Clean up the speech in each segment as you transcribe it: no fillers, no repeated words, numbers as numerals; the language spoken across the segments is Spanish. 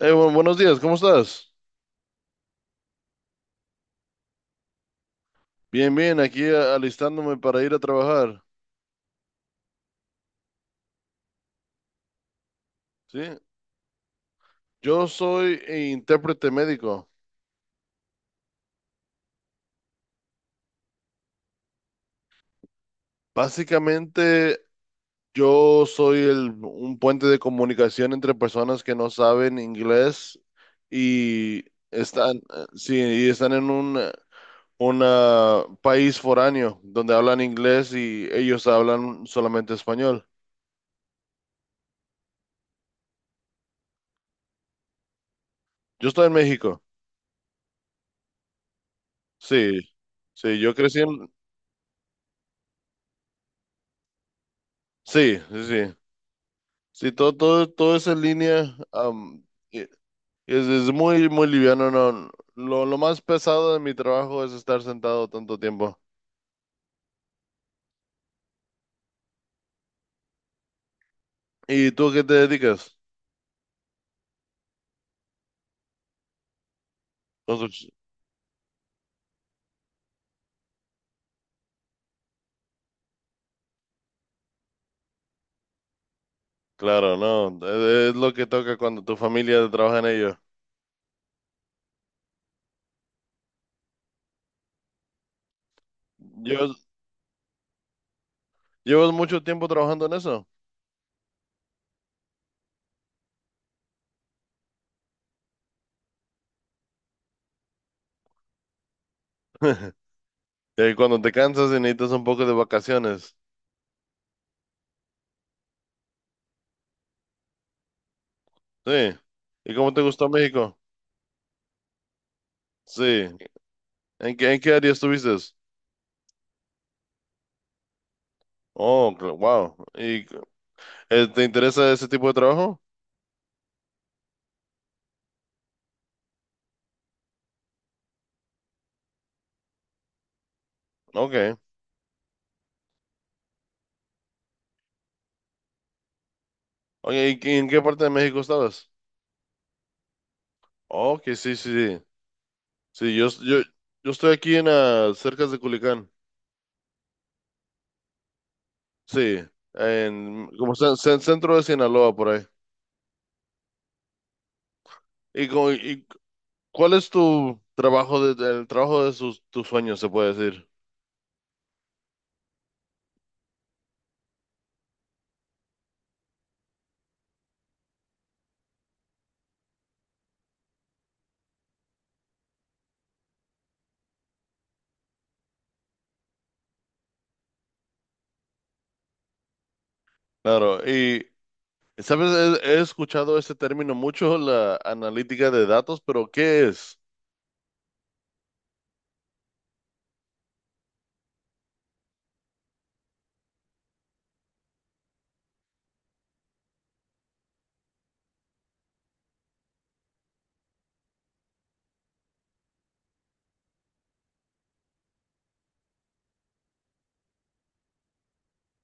Buenos días, ¿cómo estás? Bien, bien, aquí alistándome para ir a trabajar, ¿sí? Yo soy intérprete médico. Básicamente, yo soy un puente de comunicación entre personas que no saben inglés y están, sí, y están en un una país foráneo donde hablan inglés y ellos hablan solamente español. Yo estoy en México. Sí, sí, yo crecí en... Sí, sí, sí. Sí, todo es en línea. Y es muy, muy liviano, no. Lo más pesado de mi trabajo es estar sentado tanto tiempo. ¿Y tú a qué te dedicas? Construc- Claro, no. Es lo que toca cuando tu familia trabaja en ello. ¿Llevas, llevas mucho tiempo trabajando en eso? Cuando te cansas y necesitas un poco de vacaciones. Sí. ¿Y cómo te gustó México? Sí. ¿En qué área estuviste? Oh, wow. ¿Y te interesa ese tipo de trabajo? Ok. Oye, ¿y en qué parte de México estabas? Oh, que sí, sí, sí. Sí, yo estoy aquí cerca de Culiacán. Sí, en como centro de Sinaloa por ahí. ¿Y cuál es tu trabajo el trabajo de tus sueños, se puede decir? Claro, y sabes, he escuchado este término mucho, la analítica de datos, pero ¿qué es?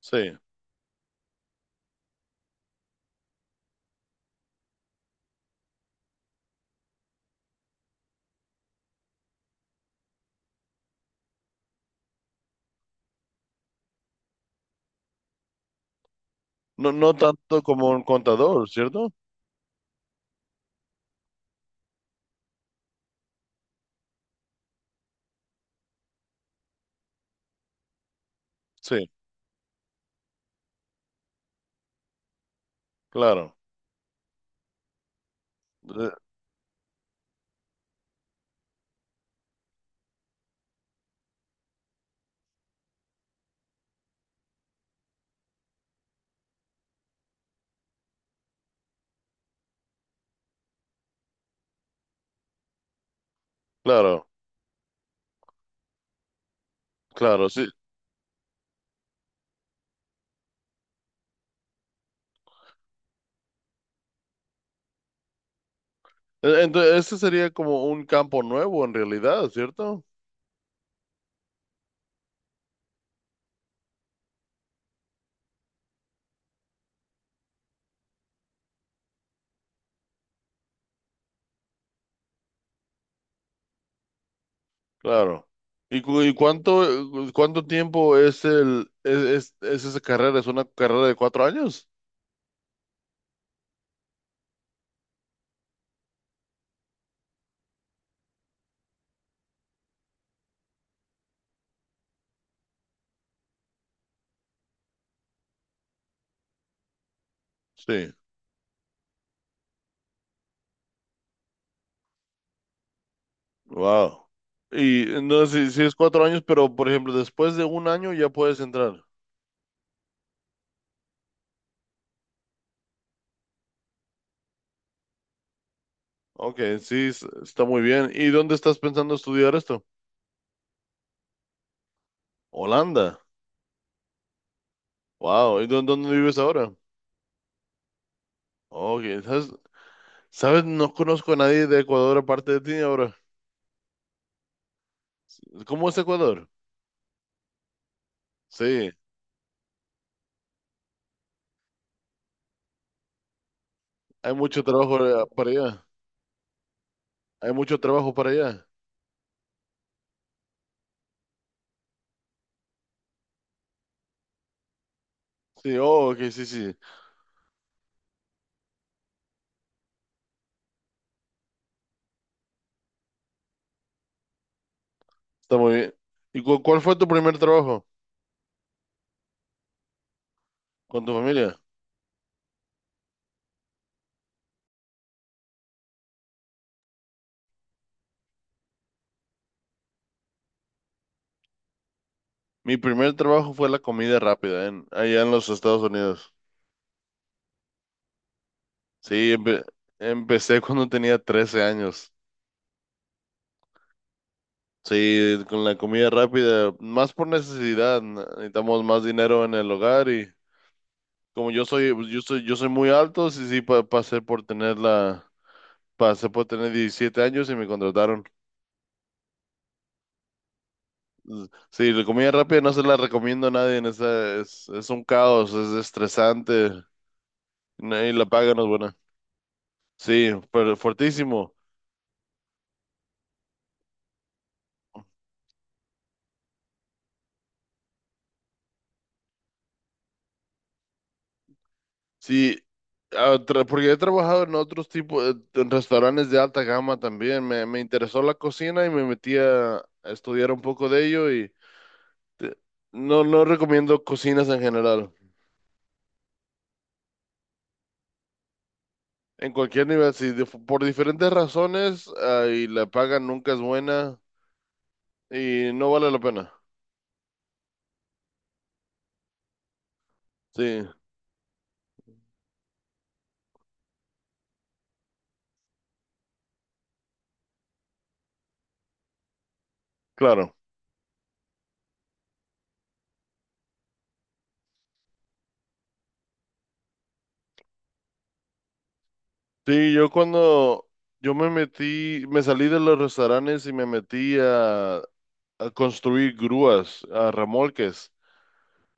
Sí. No, no tanto como un contador, ¿cierto? Sí, claro. Eh, Claro, claro. Sí, Entonces, este sería como un campo nuevo en realidad, ¿cierto? Claro. ¿Y cuánto tiempo es esa carrera? ¿Es una carrera de 4 años? Sí. Wow. Y no si es 4 años, pero por ejemplo, después de un año ya puedes entrar. Ok, sí, está muy bien. ¿Y dónde estás pensando estudiar esto? Holanda. Wow. ¿Y dónde vives ahora? Ok, ¿sabes? ¿Sabes? No conozco a nadie de Ecuador aparte de ti ahora. ¿Cómo es Ecuador? Sí. Hay mucho trabajo para allá. Hay mucho trabajo para allá. Sí, oh, ok, sí, sí. Está muy bien. ¿Y cuál fue tu primer trabajo con tu familia? Mi primer trabajo fue la comida rápida allá en los Estados Unidos. Sí, empecé cuando tenía 13 años. Sí, con la comida rápida, más por necesidad. Necesitamos más dinero en el hogar y como pues, yo soy muy alto, sí, sí, pasé pasé por tener 17 años y me contrataron. Sí, la comida rápida no se la recomiendo a nadie. Es un caos, es estresante. Y la paga no es buena. Sí, pero fuertísimo. Sí, porque he trabajado en otros tipos, en restaurantes de alta gama también. Me interesó la cocina y me metí a estudiar un poco de ello. Te- no, no recomiendo cocinas en general. En cualquier nivel, sí, por diferentes razones, y la paga nunca es buena y no vale la pena. Sí, claro. Sí, yo cuando yo me metí, me salí de los restaurantes y me metí a construir grúas, a remolques,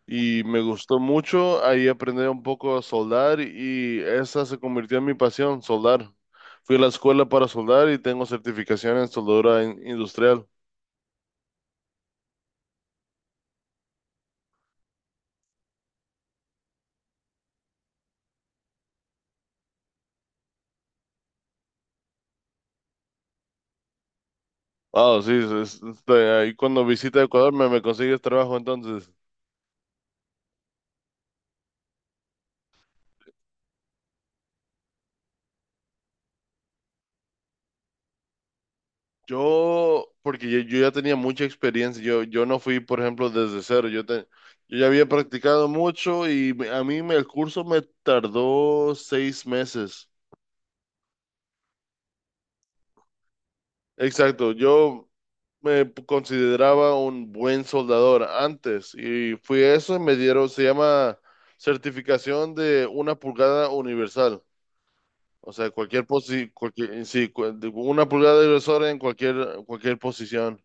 y me gustó mucho. Ahí aprendí un poco a soldar y esa se convirtió en mi pasión, soldar. Fui a la escuela para soldar y tengo certificación en soldadura industrial. Ah, sí, ahí cuando visita Ecuador me consigues trabajo entonces. Porque yo ya tenía mucha experiencia, yo no fui, por ejemplo, desde cero, yo ya había practicado mucho y el curso me tardó 6 meses. Exacto, yo me consideraba un buen soldador antes y fui a eso y me dieron, se llama certificación de 1 pulgada universal, o sea, sí, de 1 pulgada universal en cualquier posición.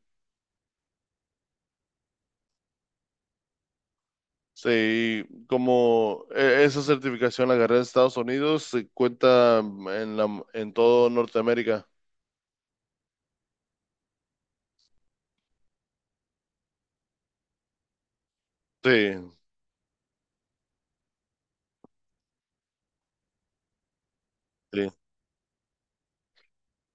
Sí, como esa certificación la agarré en Estados Unidos, se cuenta en todo Norteamérica. Sí, sí.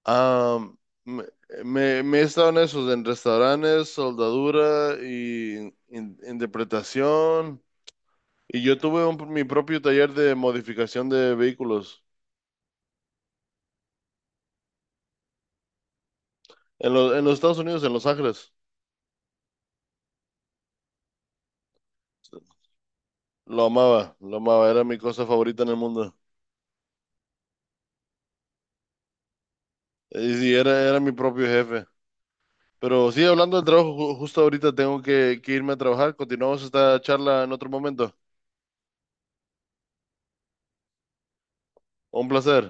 Ah, me, me he estado en restaurantes, soldadura y interpretación. Y yo tuve mi propio taller de modificación de vehículos en los Estados Unidos, en Los Ángeles. Lo amaba, era mi cosa favorita en el mundo. Y, sí, era mi propio jefe. Pero sí, hablando del trabajo, justo ahorita tengo que irme a trabajar. Continuamos esta charla en otro momento. Un placer.